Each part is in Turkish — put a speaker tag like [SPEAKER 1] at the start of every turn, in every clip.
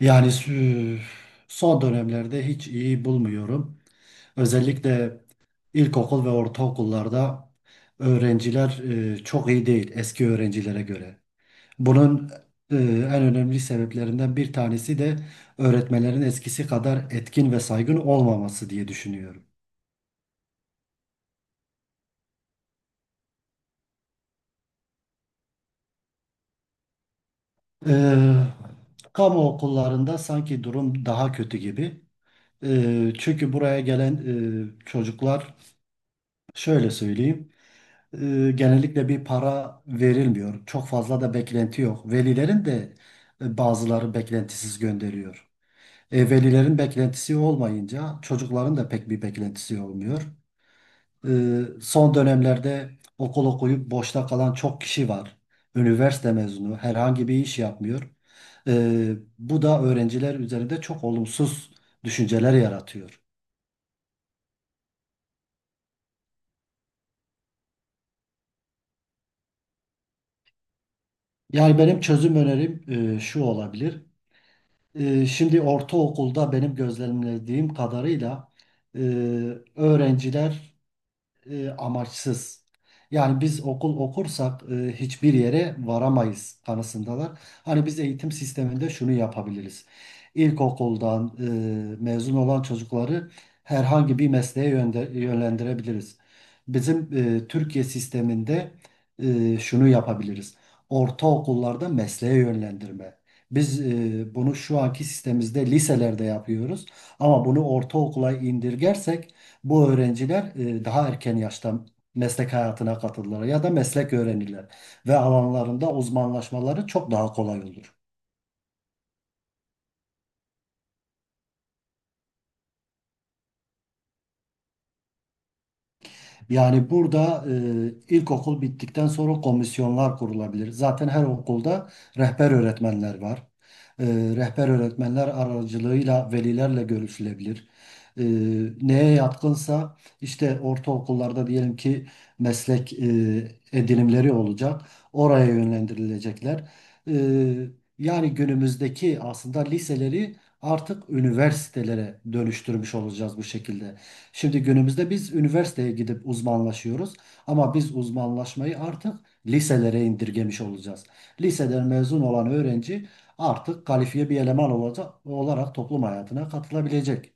[SPEAKER 1] Yani sü- Son dönemlerde hiç iyi bulmuyorum. Özellikle ilkokul ve ortaokullarda öğrenciler çok iyi değil eski öğrencilere göre. Bunun en önemli sebeplerinden bir tanesi de öğretmenlerin eskisi kadar etkin ve saygın olmaması diye düşünüyorum. E, Kamu okullarında sanki durum daha kötü gibi. Çünkü buraya gelen çocuklar, şöyle söyleyeyim. Genellikle bir para verilmiyor. Çok fazla da beklenti yok. Velilerin de bazıları beklentisiz gönderiyor. Velilerin beklentisi olmayınca çocukların da pek bir beklentisi olmuyor. E, Son dönemlerde okul okuyup boşta kalan çok kişi var. Üniversite mezunu herhangi bir iş yapmıyor. E, Bu da öğrenciler üzerinde çok olumsuz düşünceler yaratıyor. Yani benim çözüm önerim şu olabilir. Şimdi ortaokulda benim gözlemlediğim kadarıyla e, öğrenciler amaçsız. Yani biz okul okursak hiçbir yere varamayız kanısındalar. Hani biz eğitim sisteminde şunu yapabiliriz. İlkokuldan mezun olan çocukları herhangi bir mesleğe yönlendirebiliriz. Bizim Türkiye sisteminde şunu yapabiliriz. Ortaokullarda mesleğe yönlendirme. Biz bunu şu anki sistemimizde liselerde yapıyoruz. Ama bunu ortaokula indirgersek bu öğrenciler daha erken yaşta meslek hayatına katılırlar ya da meslek öğrenirler ve alanlarında uzmanlaşmaları çok daha kolay olur. Yani burada ilkokul bittikten sonra komisyonlar kurulabilir. Zaten her okulda rehber öğretmenler var. E, Rehber öğretmenler aracılığıyla velilerle görüşülebilir. e, Neye yatkınsa işte ortaokullarda diyelim ki meslek edinimleri olacak. Oraya yönlendirilecekler. E, Yani günümüzdeki aslında liseleri artık üniversitelere dönüştürmüş olacağız bu şekilde. Şimdi günümüzde biz üniversiteye gidip uzmanlaşıyoruz ama biz uzmanlaşmayı artık liselere indirgemiş olacağız. Liseden mezun olan öğrenci artık kalifiye bir eleman olacak, olarak toplum hayatına katılabilecek.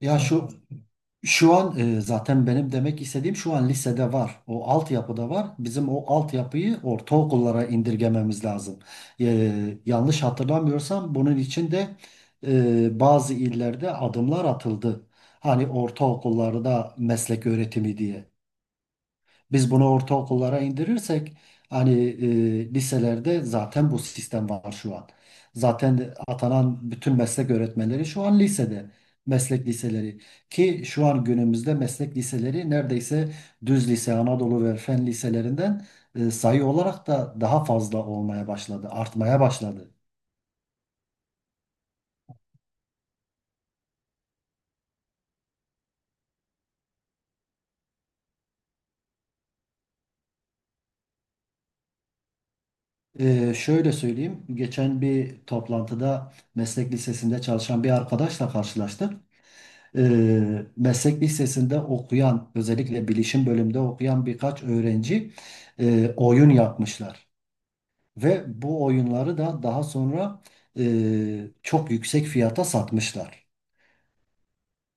[SPEAKER 1] Ya şu şu an zaten benim demek istediğim şu an lisede var. O altyapıda var. Bizim o altyapıyı ortaokullara indirgememiz lazım. Yanlış hatırlamıyorsam bunun için de bazı illerde adımlar atıldı. Hani ortaokullarda meslek öğretimi diye. Biz bunu ortaokullara indirirsek hani liselerde zaten bu sistem var şu an. Zaten atanan bütün meslek öğretmenleri şu an lisede. Meslek liseleri ki şu an günümüzde meslek liseleri neredeyse düz lise, Anadolu ve fen liselerinden sayı olarak da daha fazla olmaya başladı, artmaya başladı. Şöyle söyleyeyim, geçen bir toplantıda meslek lisesinde çalışan bir arkadaşla karşılaştık. e, Meslek lisesinde okuyan, özellikle bilişim bölümünde okuyan birkaç öğrenci oyun yapmışlar. Ve bu oyunları da daha sonra çok yüksek fiyata satmışlar.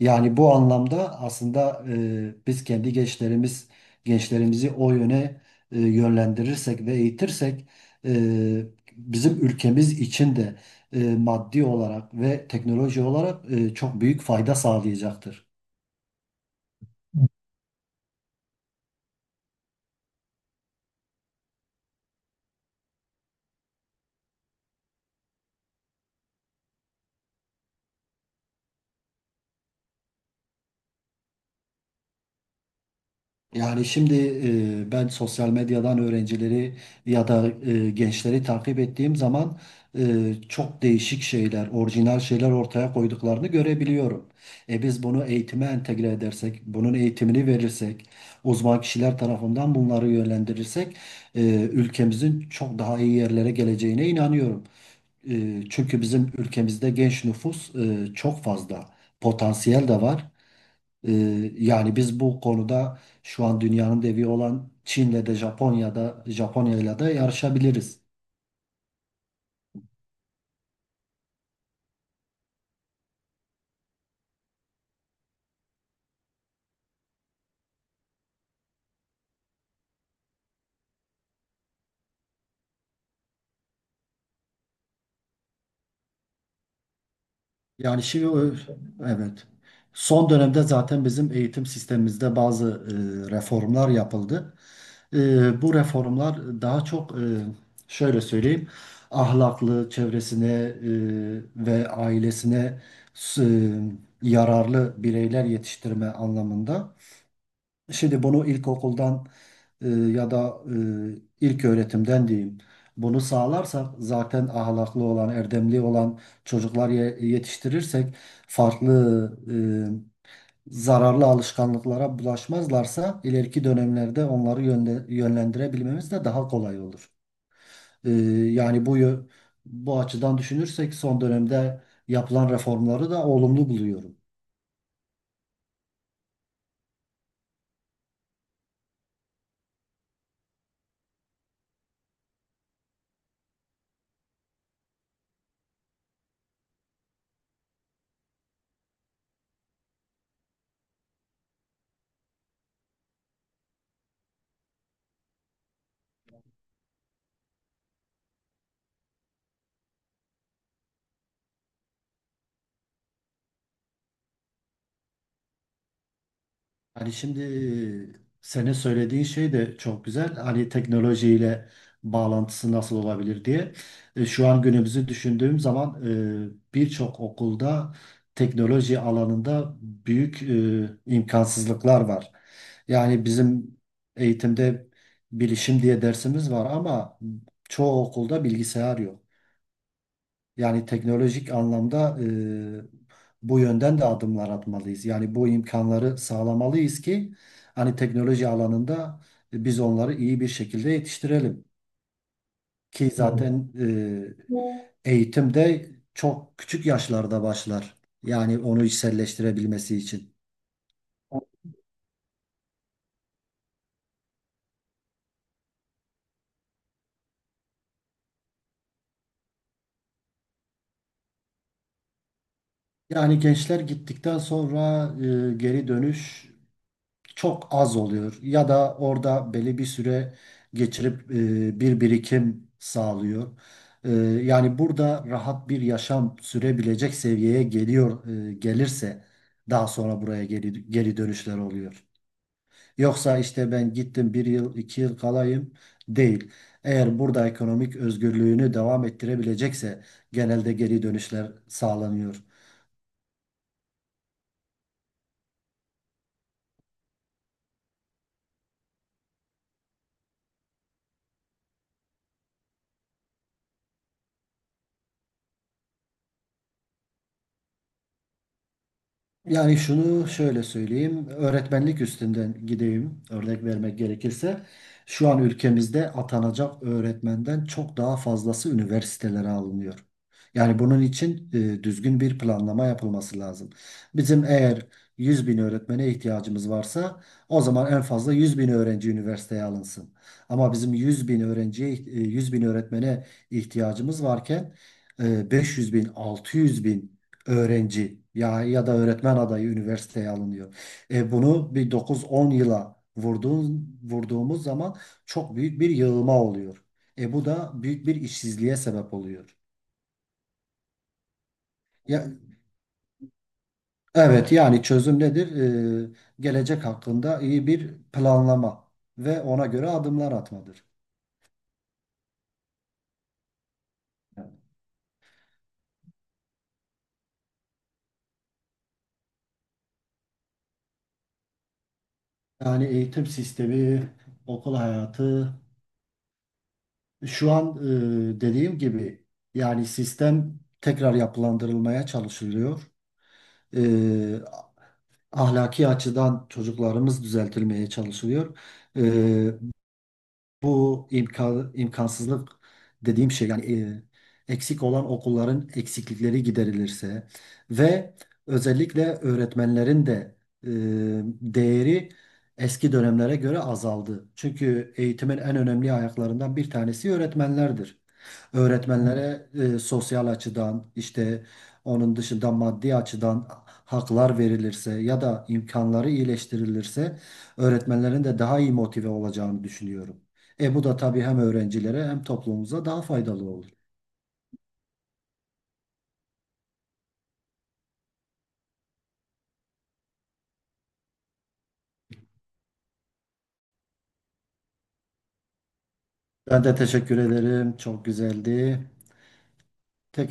[SPEAKER 1] Yani bu anlamda aslında biz kendi gençlerimizi o yöne yönlendirirsek ve eğitirsek e, bizim ülkemiz için de maddi olarak ve teknoloji olarak çok büyük fayda sağlayacaktır. Yani şimdi ben sosyal medyadan öğrencileri ya da gençleri takip ettiğim zaman çok değişik şeyler, orijinal şeyler ortaya koyduklarını görebiliyorum. E biz bunu eğitime entegre edersek, bunun eğitimini verirsek, uzman kişiler tarafından bunları yönlendirirsek e, ülkemizin çok daha iyi yerlere geleceğine inanıyorum. Çünkü bizim ülkemizde genç nüfus çok fazla, potansiyel de var. Ee, Yani biz bu konuda şu an dünyanın devi olan Çin'le de Japonya'yla da yarışabiliriz. Yani şimdi evet. Son dönemde zaten bizim eğitim sistemimizde bazı reformlar yapıldı. Bu reformlar daha çok şöyle söyleyeyim, ahlaklı çevresine ve ailesine s- e, yararlı bireyler yetiştirme anlamında. Şimdi bunu ilkokuldan ya da ilk öğretimden diyeyim. Bunu sağlarsak zaten ahlaklı olan, erdemli olan çocuklar yetiştirirsek farklı zararlı alışkanlıklara bulaşmazlarsa ileriki dönemlerde onları yönlendirebilmemiz de daha kolay olur. E, Yani bu açıdan düşünürsek son dönemde yapılan reformları da olumlu buluyorum. Hani şimdi senin söylediğin şey de çok güzel. Hani teknolojiyle bağlantısı nasıl olabilir diye. Şu an günümüzü düşündüğüm zaman birçok okulda teknoloji alanında büyük imkansızlıklar var. Yani bizim eğitimde bilişim diye dersimiz var ama çoğu okulda bilgisayar yok. Yani teknolojik anlamda bu yönden de adımlar atmalıyız. Yani bu imkanları sağlamalıyız ki hani teknoloji alanında biz onları iyi bir şekilde yetiştirelim. Ki evet, zaten eğitim de çok küçük yaşlarda başlar. Yani onu içselleştirebilmesi için. Yani gençler gittikten sonra geri dönüş çok az oluyor ya da orada belli bir süre geçirip bir birikim sağlıyor. E, Yani burada rahat bir yaşam sürebilecek seviyeye gelirse daha sonra buraya geri dönüşler oluyor. Yoksa işte ben gittim bir yıl 2 yıl kalayım değil. Eğer burada ekonomik özgürlüğünü devam ettirebilecekse genelde geri dönüşler sağlanıyor. Yani şunu şöyle söyleyeyim, öğretmenlik üstünden gideyim örnek vermek gerekirse. Şu an ülkemizde atanacak öğretmenden çok daha fazlası üniversitelere alınıyor. Yani bunun için düzgün bir planlama yapılması lazım. Bizim eğer 100 bin öğretmene ihtiyacımız varsa o zaman en fazla 100 bin öğrenci üniversiteye alınsın. Ama bizim 100 bin öğrenciye, 100 bin öğretmene ihtiyacımız varken 500 bin, 600 bin öğrenci ya da öğretmen adayı üniversiteye alınıyor. Bunu bir 9-10 yıla vurduğumuz zaman çok büyük bir yığılma oluyor. Bu da büyük bir işsizliğe sebep oluyor. Ya, evet, yani çözüm nedir? E, Gelecek hakkında iyi bir planlama ve ona göre adımlar atmadır. Yani eğitim sistemi, okul hayatı şu an dediğim gibi yani sistem tekrar yapılandırılmaya çalışılıyor. e, Ahlaki açıdan çocuklarımız düzeltilmeye çalışılıyor. E, Bu imkansızlık dediğim şey yani eksik olan okulların eksiklikleri giderilirse ve özellikle öğretmenlerin de e, değeri eski dönemlere göre azaldı. Çünkü eğitimin en önemli ayaklarından bir tanesi öğretmenlerdir. Öğretmenlere sosyal açıdan işte onun dışında maddi açıdan haklar verilirse ya da imkanları iyileştirilirse öğretmenlerin de daha iyi motive olacağını düşünüyorum. E bu da tabii hem öğrencilere hem toplumumuza daha faydalı olur. Ben de teşekkür ederim. Çok güzeldi. Tekrar